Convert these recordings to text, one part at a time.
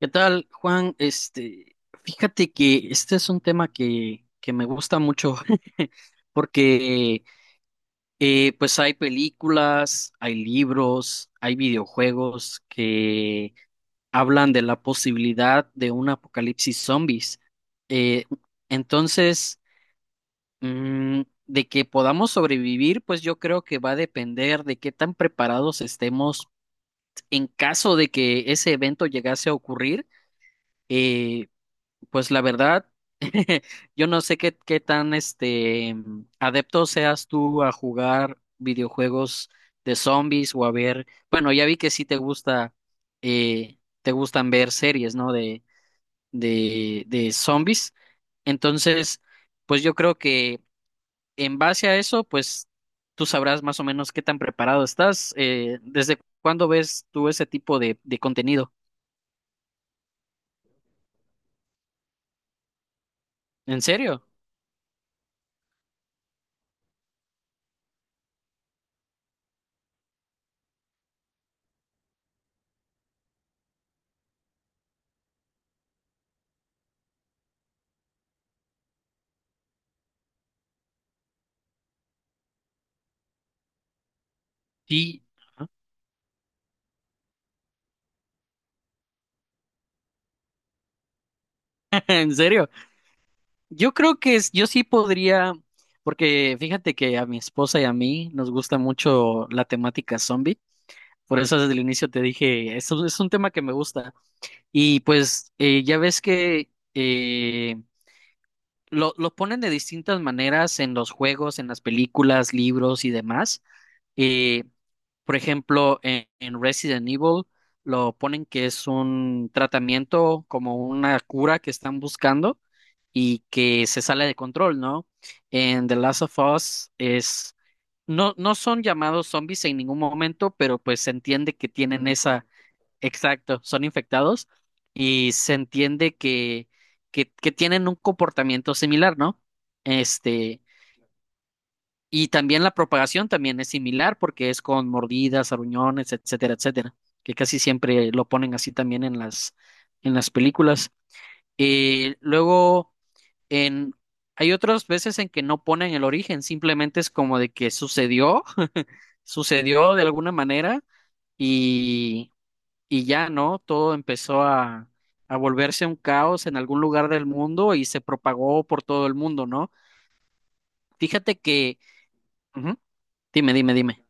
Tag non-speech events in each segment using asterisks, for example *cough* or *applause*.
¿Qué tal, Juan? Fíjate que este es un tema que me gusta mucho *laughs* porque pues hay películas, hay libros, hay videojuegos que hablan de la posibilidad de un apocalipsis zombies. Eh, entonces, mm, de que podamos sobrevivir, pues yo creo que va a depender de qué tan preparados estemos en caso de que ese evento llegase a ocurrir. Eh, Pues la verdad, *laughs* yo no sé qué tan adepto seas tú a jugar videojuegos de zombies o a ver, bueno, ya vi que sí te gusta, te gustan ver series, ¿no? De zombies. Entonces, pues yo creo que en base a eso, pues tú sabrás más o menos qué tan preparado estás. ¿Desde cuándo ves tú ese tipo de contenido? ¿En serio? Sí. *laughs* ¿En serio? Yo creo que yo sí podría, porque fíjate que a mi esposa y a mí nos gusta mucho la temática zombie. Por eso desde el inicio te dije, es un tema que me gusta. Y pues ya ves que lo ponen de distintas maneras en los juegos, en las películas, libros y demás. eh, por ejemplo, en Resident Evil lo ponen que es un tratamiento como una cura que están buscando y que se sale de control, ¿no? En The Last of Us es no son llamados zombies en ningún momento, pero pues se entiende que tienen esa exacto, son infectados y se entiende que que tienen un comportamiento similar, ¿no? Este y también la propagación también es similar porque es con mordidas, aruñones, etcétera, etcétera, que casi siempre lo ponen así también en en las películas. Luego, en, hay otras veces en que no ponen el origen, simplemente es como de que sucedió, *laughs* sucedió de alguna manera y, y ya, ¿no? Todo empezó a volverse un caos en algún lugar del mundo y se propagó por todo el mundo, ¿no? Fíjate que... Ujú, dime.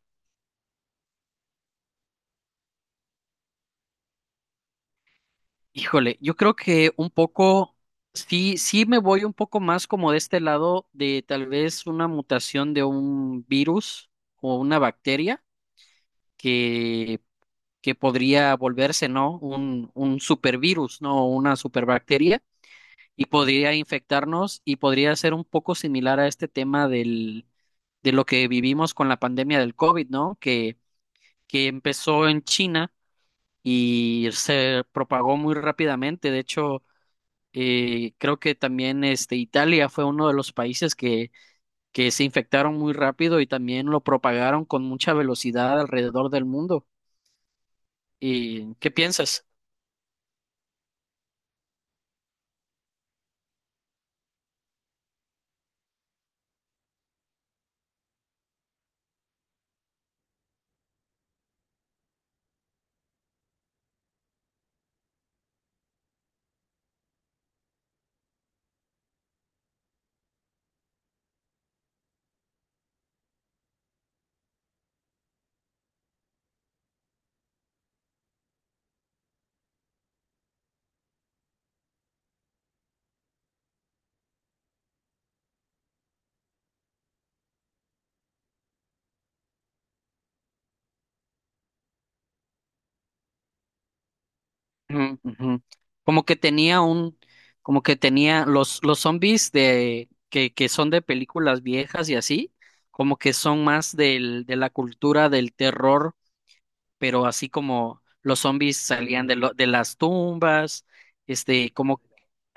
Híjole, yo creo que un sí me voy un poco más como de este lado de tal vez una mutación de un virus o una bacteria que, que podría volverse, ¿no? Un supervirus, ¿no? Una superbacteria y podría infectarnos y podría ser un poco similar a este tema de lo que vivimos con la pandemia del COVID, ¿no? Que empezó en China y se propagó muy rápidamente. De hecho, creo que también Italia fue uno de los países que se infectaron muy rápido y también lo propagaron con mucha velocidad alrededor del mundo. ¿Y qué piensas? Ujú, ujú. Como que tenía un, como que tenía los zombies que son de películas viejas y así, como que son más de la cultura del terror, pero así como los zombies salían de, de las tumbas, como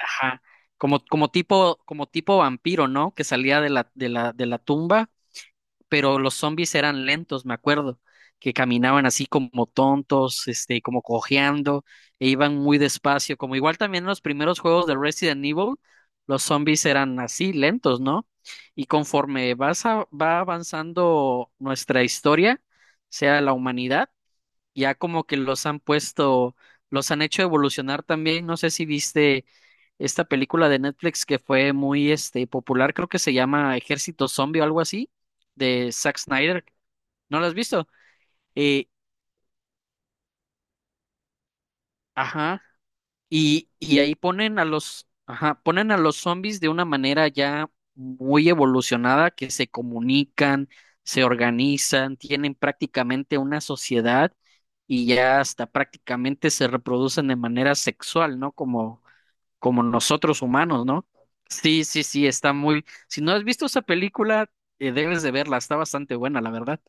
ajá, como, como tipo vampiro, ¿no? Que salía de de la tumba, pero los zombies eran lentos, me acuerdo, que caminaban así como tontos, como cojeando, e iban muy despacio, como igual también en los primeros juegos de Resident Evil, los zombies eran así, lentos, ¿no? Y conforme va avanzando nuestra historia, sea la humanidad, ya como que los han puesto, los han hecho evolucionar también. No sé si viste esta película de Netflix que fue muy popular, creo que se llama Ejército Zombie o algo así, de Zack Snyder. ¿No la has visto? Eh, ajá. Y ahí ponen a los, ajá, ponen a los zombies de una manera ya muy evolucionada, que se comunican, se organizan, tienen prácticamente una sociedad y ya hasta prácticamente se reproducen de manera sexual, ¿no? Como, como nosotros humanos, ¿no? Sí, sí, sí, está muy... Si no has visto esa película, debes de verla, está bastante buena, la verdad.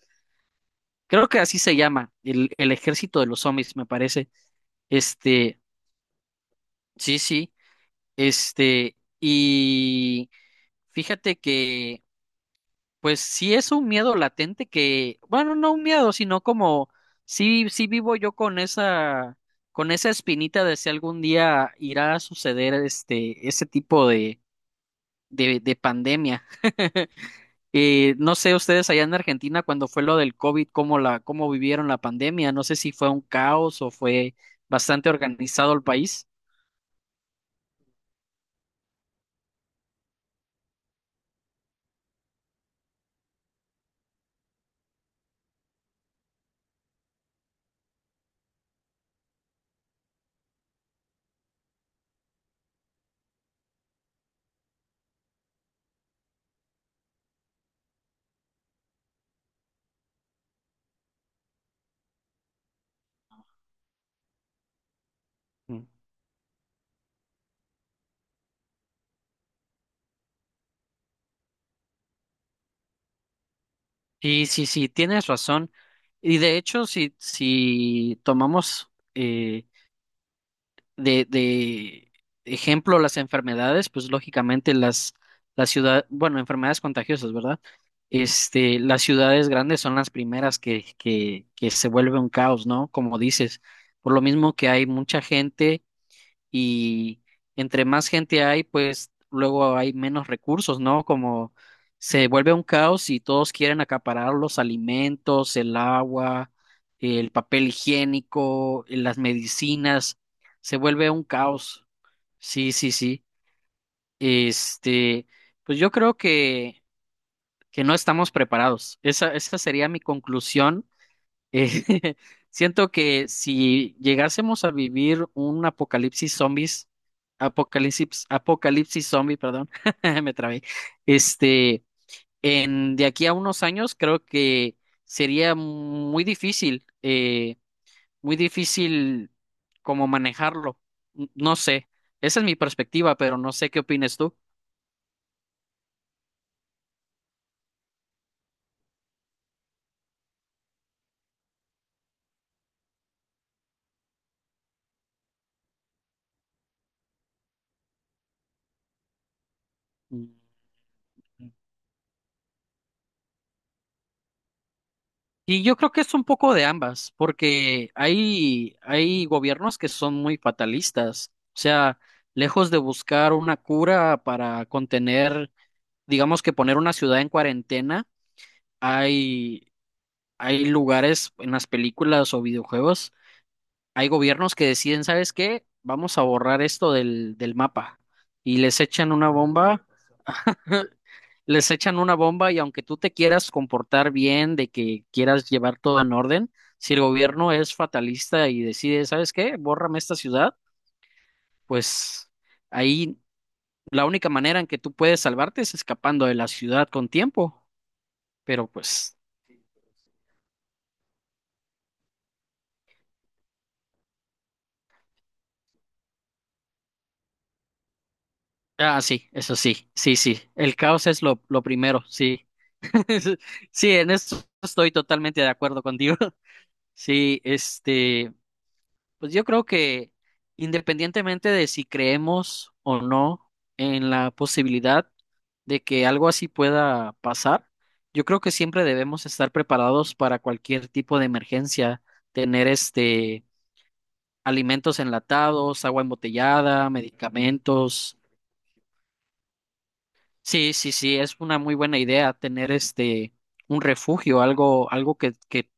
Creo que así se llama, el ejército de los zombies, me parece. Este, sí, sí. Y fíjate que, pues sí es un miedo latente que, bueno, no un miedo, sino como, sí, sí vivo yo con esa espinita de si algún día irá a suceder ese tipo de pandemia. *laughs* No sé ustedes allá en Argentina cuando fue lo del COVID, cómo cómo vivieron la pandemia, no sé si fue un caos o fue bastante organizado el país. Sí, sí, sí, tienes razón. Y de hecho, si tomamos de ejemplo las enfermedades, pues lógicamente las ciudades, bueno, enfermedades contagiosas, ¿verdad? Las ciudades grandes son las primeras que se vuelve un caos, ¿no? Como dices, por lo mismo que hay mucha gente y entre más gente hay, pues luego hay menos recursos, ¿no? Como se vuelve un caos y todos quieren acaparar los alimentos, el agua, el papel higiénico, las medicinas, se vuelve un caos. Sí, sí, sí. Este, pues yo creo que no estamos preparados. Esa sería mi conclusión eh, *laughs* siento que si llegásemos a vivir un apocalipsis zombies, apocalipsis zombie, perdón, *laughs* me trabé, este, en de aquí a unos años creo que sería muy difícil como manejarlo. No sé, esa es mi perspectiva, pero no sé qué opines tú. Mm. Y yo creo que es un poco de ambas, porque hay gobiernos que son muy fatalistas, o sea, lejos de buscar una cura para contener, digamos que poner una ciudad en cuarentena, hay, hay lugares en las películas o videojuegos, hay gobiernos que deciden, ¿sabes qué? Vamos a borrar esto del mapa y les echan una bomba. *laughs* Les echan una bomba y aunque tú te quieras comportar bien, de que quieras llevar todo en orden, si el gobierno es fatalista y decide, ¿sabes qué? Bórrame esta ciudad, pues ahí la única manera en que tú puedes salvarte es escapando de la ciudad con tiempo. Pero pues, ah, sí, eso sí, sí, sí, el caos es lo primero, sí. *laughs* Sí, en eso estoy totalmente de acuerdo contigo. *laughs* Sí, pues yo creo que independientemente de si creemos o no en la posibilidad de que algo así pueda pasar, yo creo que siempre debemos estar preparados para cualquier tipo de emergencia, tener alimentos enlatados, agua embotellada, medicamentos. Sí, sí, sí, es una muy buena idea tener un refugio, algo, algo que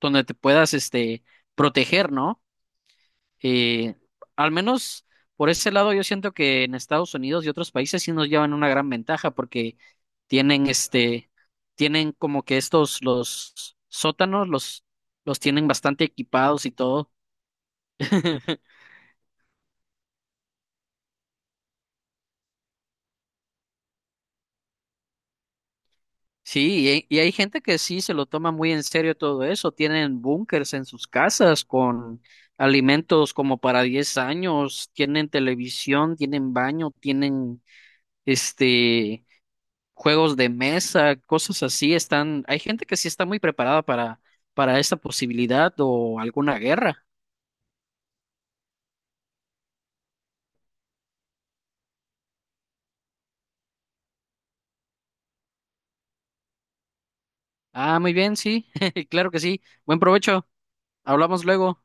donde te puedas proteger, ¿no? Y al menos por ese lado yo siento que en Estados Unidos y otros países sí nos llevan una gran ventaja porque tienen tienen como que estos, los sótanos, los tienen bastante equipados y todo. *laughs* Sí, y hay gente que sí se lo toma muy en serio todo eso. Tienen búnkers en sus casas con alimentos como para 10 años, tienen televisión, tienen baño, tienen este juegos de mesa, cosas así, están, hay gente que sí está muy preparada para esta posibilidad o alguna guerra. Ah, muy bien, sí, *laughs* claro que sí. Buen provecho. Hablamos luego.